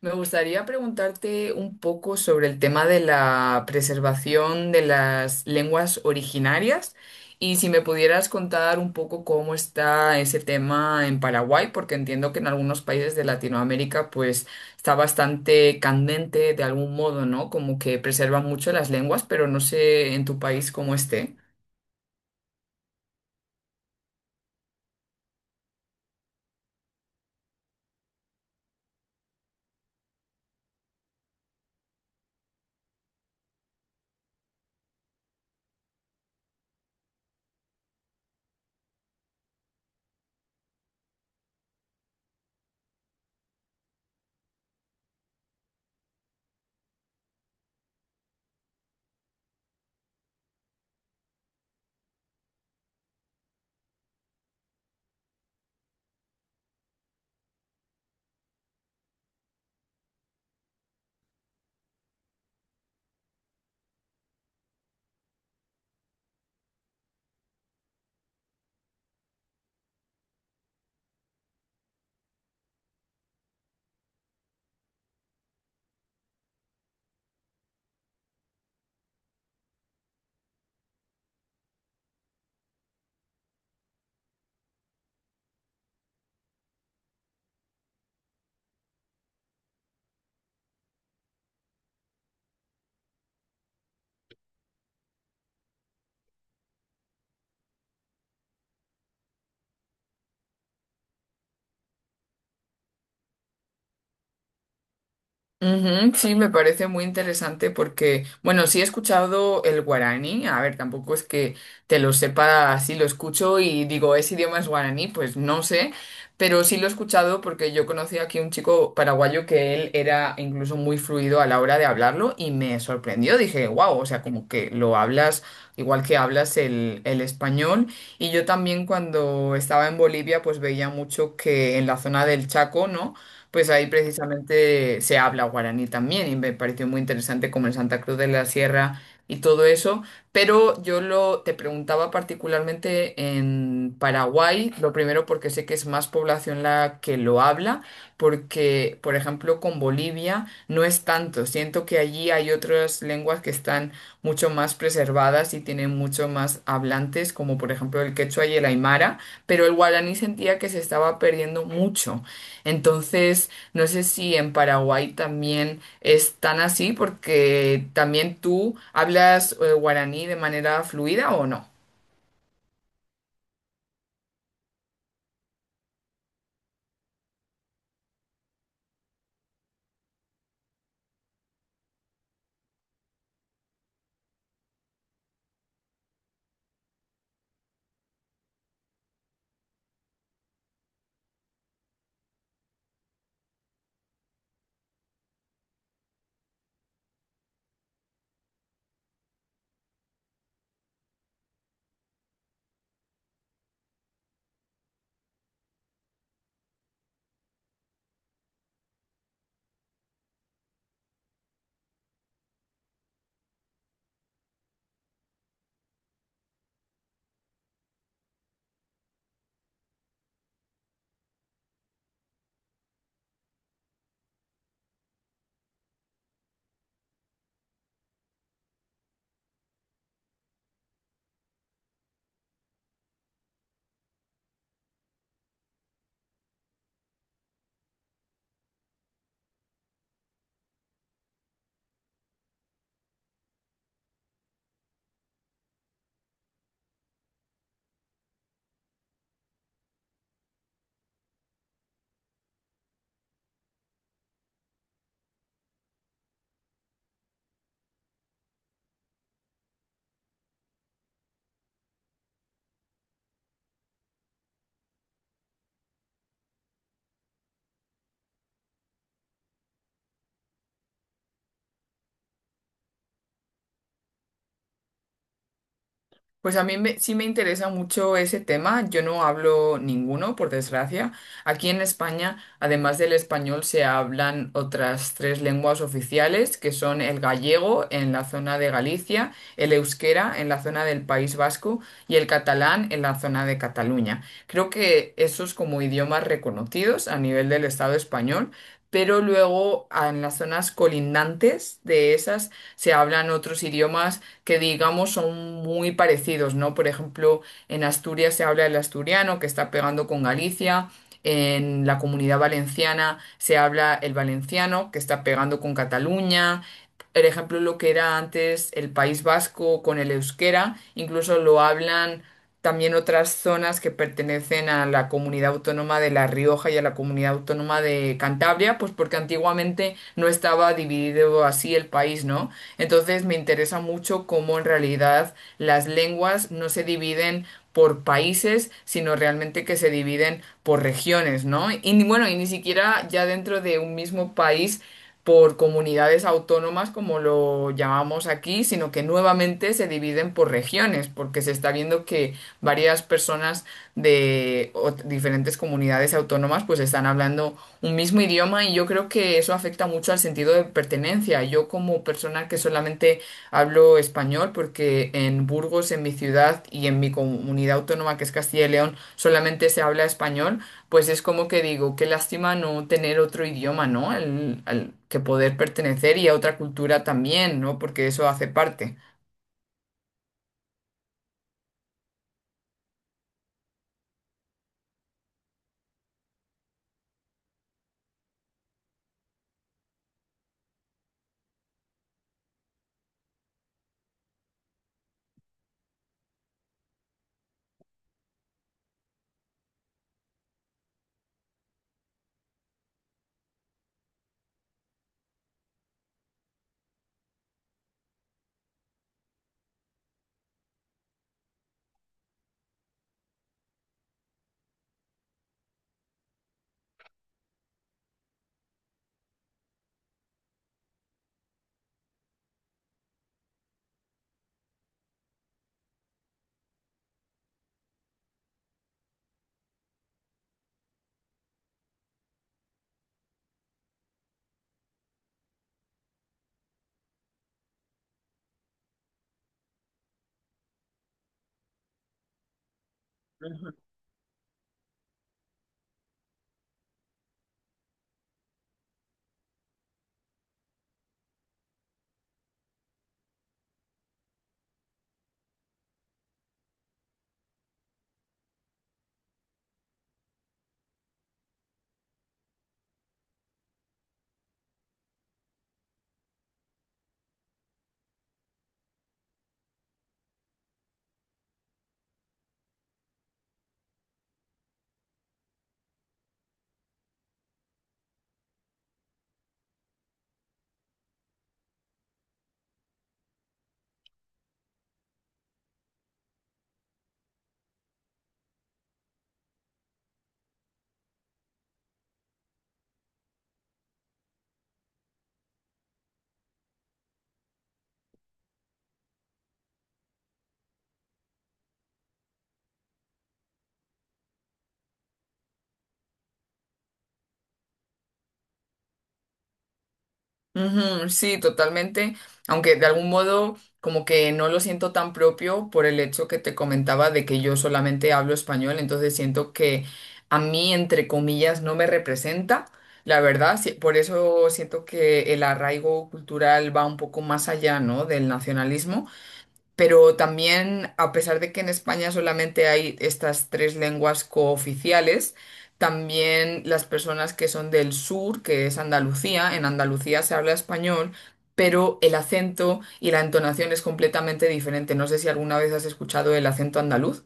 Me gustaría preguntarte un poco sobre el tema de la preservación de las lenguas originarias y si me pudieras contar un poco cómo está ese tema en Paraguay, porque entiendo que en algunos países de Latinoamérica pues está bastante candente de algún modo, ¿no? Como que preservan mucho las lenguas, pero no sé en tu país cómo esté. Ujú, sí, me parece muy interesante porque, bueno, sí he escuchado el guaraní, a ver, tampoco es que te lo sepa así, lo escucho y digo, ¿ese idioma es guaraní? Pues no sé, pero sí lo he escuchado porque yo conocí aquí un chico paraguayo que él era incluso muy fluido a la hora de hablarlo y me sorprendió, dije, wow, o sea, como que lo hablas igual que hablas el español. Y yo también cuando estaba en Bolivia, pues veía mucho que en la zona del Chaco, ¿no? Pues ahí precisamente se habla guaraní también y me pareció muy interesante como en Santa Cruz de la Sierra y todo eso, pero yo lo te preguntaba particularmente en Paraguay, lo primero porque sé que es más población la que lo habla, porque por ejemplo con Bolivia no es tanto, siento que allí hay otras lenguas que están mucho más preservadas y tienen mucho más hablantes, como por ejemplo el quechua y el aymara, pero el guaraní sentía que se estaba perdiendo mucho. Entonces, no sé si en Paraguay también es tan así, porque también tú hablas guaraní de manera fluida o no. Pues a mí me- sí me interesa mucho ese tema. Yo no hablo ninguno, por desgracia. Aquí en España, además del español, se hablan otras tres lenguas oficiales, que son el gallego en la zona de Galicia, el euskera en la zona del País Vasco y el catalán en la zona de Cataluña. Creo que esos como idiomas reconocidos a nivel del Estado español. Pero luego en las zonas colindantes de esas se hablan otros idiomas que digamos son muy parecidos, ¿no? Por ejemplo, en Asturias se habla el asturiano que está pegando con Galicia, en la Comunidad Valenciana se habla el valenciano que está pegando con Cataluña. Por ejemplo, lo que era antes el País Vasco con el euskera, incluso lo hablan también otras zonas que pertenecen a la comunidad autónoma de La Rioja y a la comunidad autónoma de Cantabria, pues porque antiguamente no estaba dividido así el país, ¿no? Entonces me interesa mucho cómo en realidad las lenguas no se dividen por países, sino realmente que se dividen por regiones, ¿no? Y ni- bueno, y ni siquiera ya dentro de un mismo país por comunidades autónomas, como lo llamamos aquí, sino que nuevamente se dividen por regiones, porque se está viendo que varias personas de ot- diferentes comunidades autónomas pues están hablando un mismo idioma y yo creo que eso afecta mucho al sentido de pertenencia. Yo como persona que solamente hablo español porque en Burgos, en mi ciudad y en mi comunidad autónoma que es Castilla y León solamente se habla español, pues es como que digo, qué lástima no tener otro idioma, ¿no? Al que poder pertenecer y a otra cultura también, ¿no? Porque eso hace parte. Ujú, sí, totalmente, aunque de algún modo como que no lo siento tan propio por el hecho que te comentaba de que yo solamente hablo español, entonces siento que a mí, entre comillas, no me representa, la verdad, sí, por eso siento que el arraigo cultural va un poco más allá, ¿no? Del nacionalismo. Pero también, a pesar de que en España solamente hay estas tres lenguas cooficiales, también las personas que son del sur, que es Andalucía, en Andalucía se habla español, pero el acento y la entonación es completamente diferente. ¿No sé si alguna vez has escuchado el acento andaluz?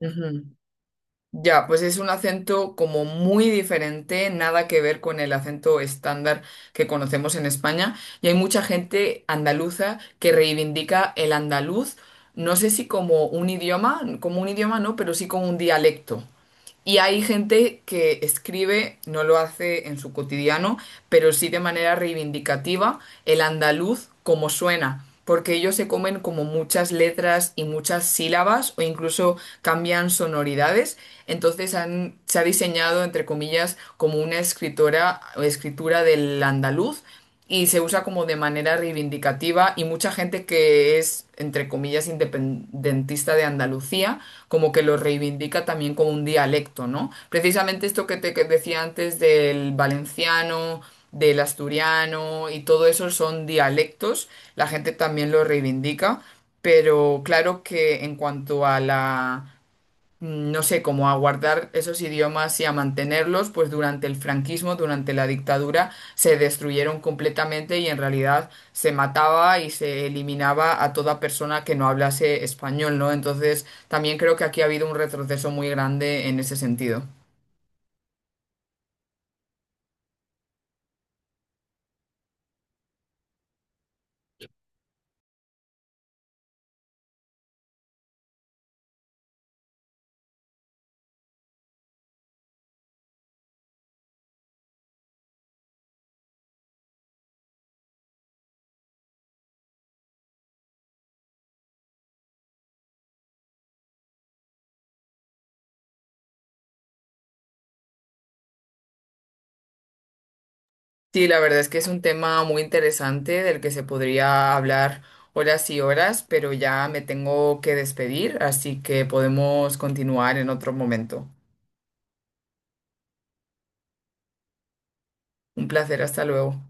Ujú. Ya, pues es un acento como muy diferente, nada que ver con el acento estándar que conocemos en España. Y hay mucha gente andaluza que reivindica el andaluz, no sé si como un idioma, como un idioma no, pero sí como un dialecto. Y hay gente que escribe, no lo hace en su cotidiano, pero sí de manera reivindicativa el andaluz como suena, porque ellos se comen como muchas letras y muchas sílabas o incluso cambian sonoridades. Entonces han- se ha diseñado, entre comillas, como una escritora o escritura del andaluz y se usa como de manera reivindicativa y mucha gente que es, entre comillas, independentista de Andalucía, como que lo reivindica también como un dialecto, ¿no? Precisamente esto que te que decía antes del valenciano, del asturiano y todo eso son dialectos, la gente también lo reivindica, pero claro que en cuanto a la no sé, como a guardar esos idiomas y a mantenerlos, pues durante el franquismo, durante la dictadura, se destruyeron completamente y en realidad se mataba y se eliminaba a toda persona que no hablase español, ¿no? Entonces, también creo que aquí ha habido un retroceso muy grande en ese sentido. Sí, la verdad es que es un tema muy interesante del que se podría hablar horas y horas, pero ya me tengo que despedir, así que podemos continuar en otro momento. Un placer, hasta luego.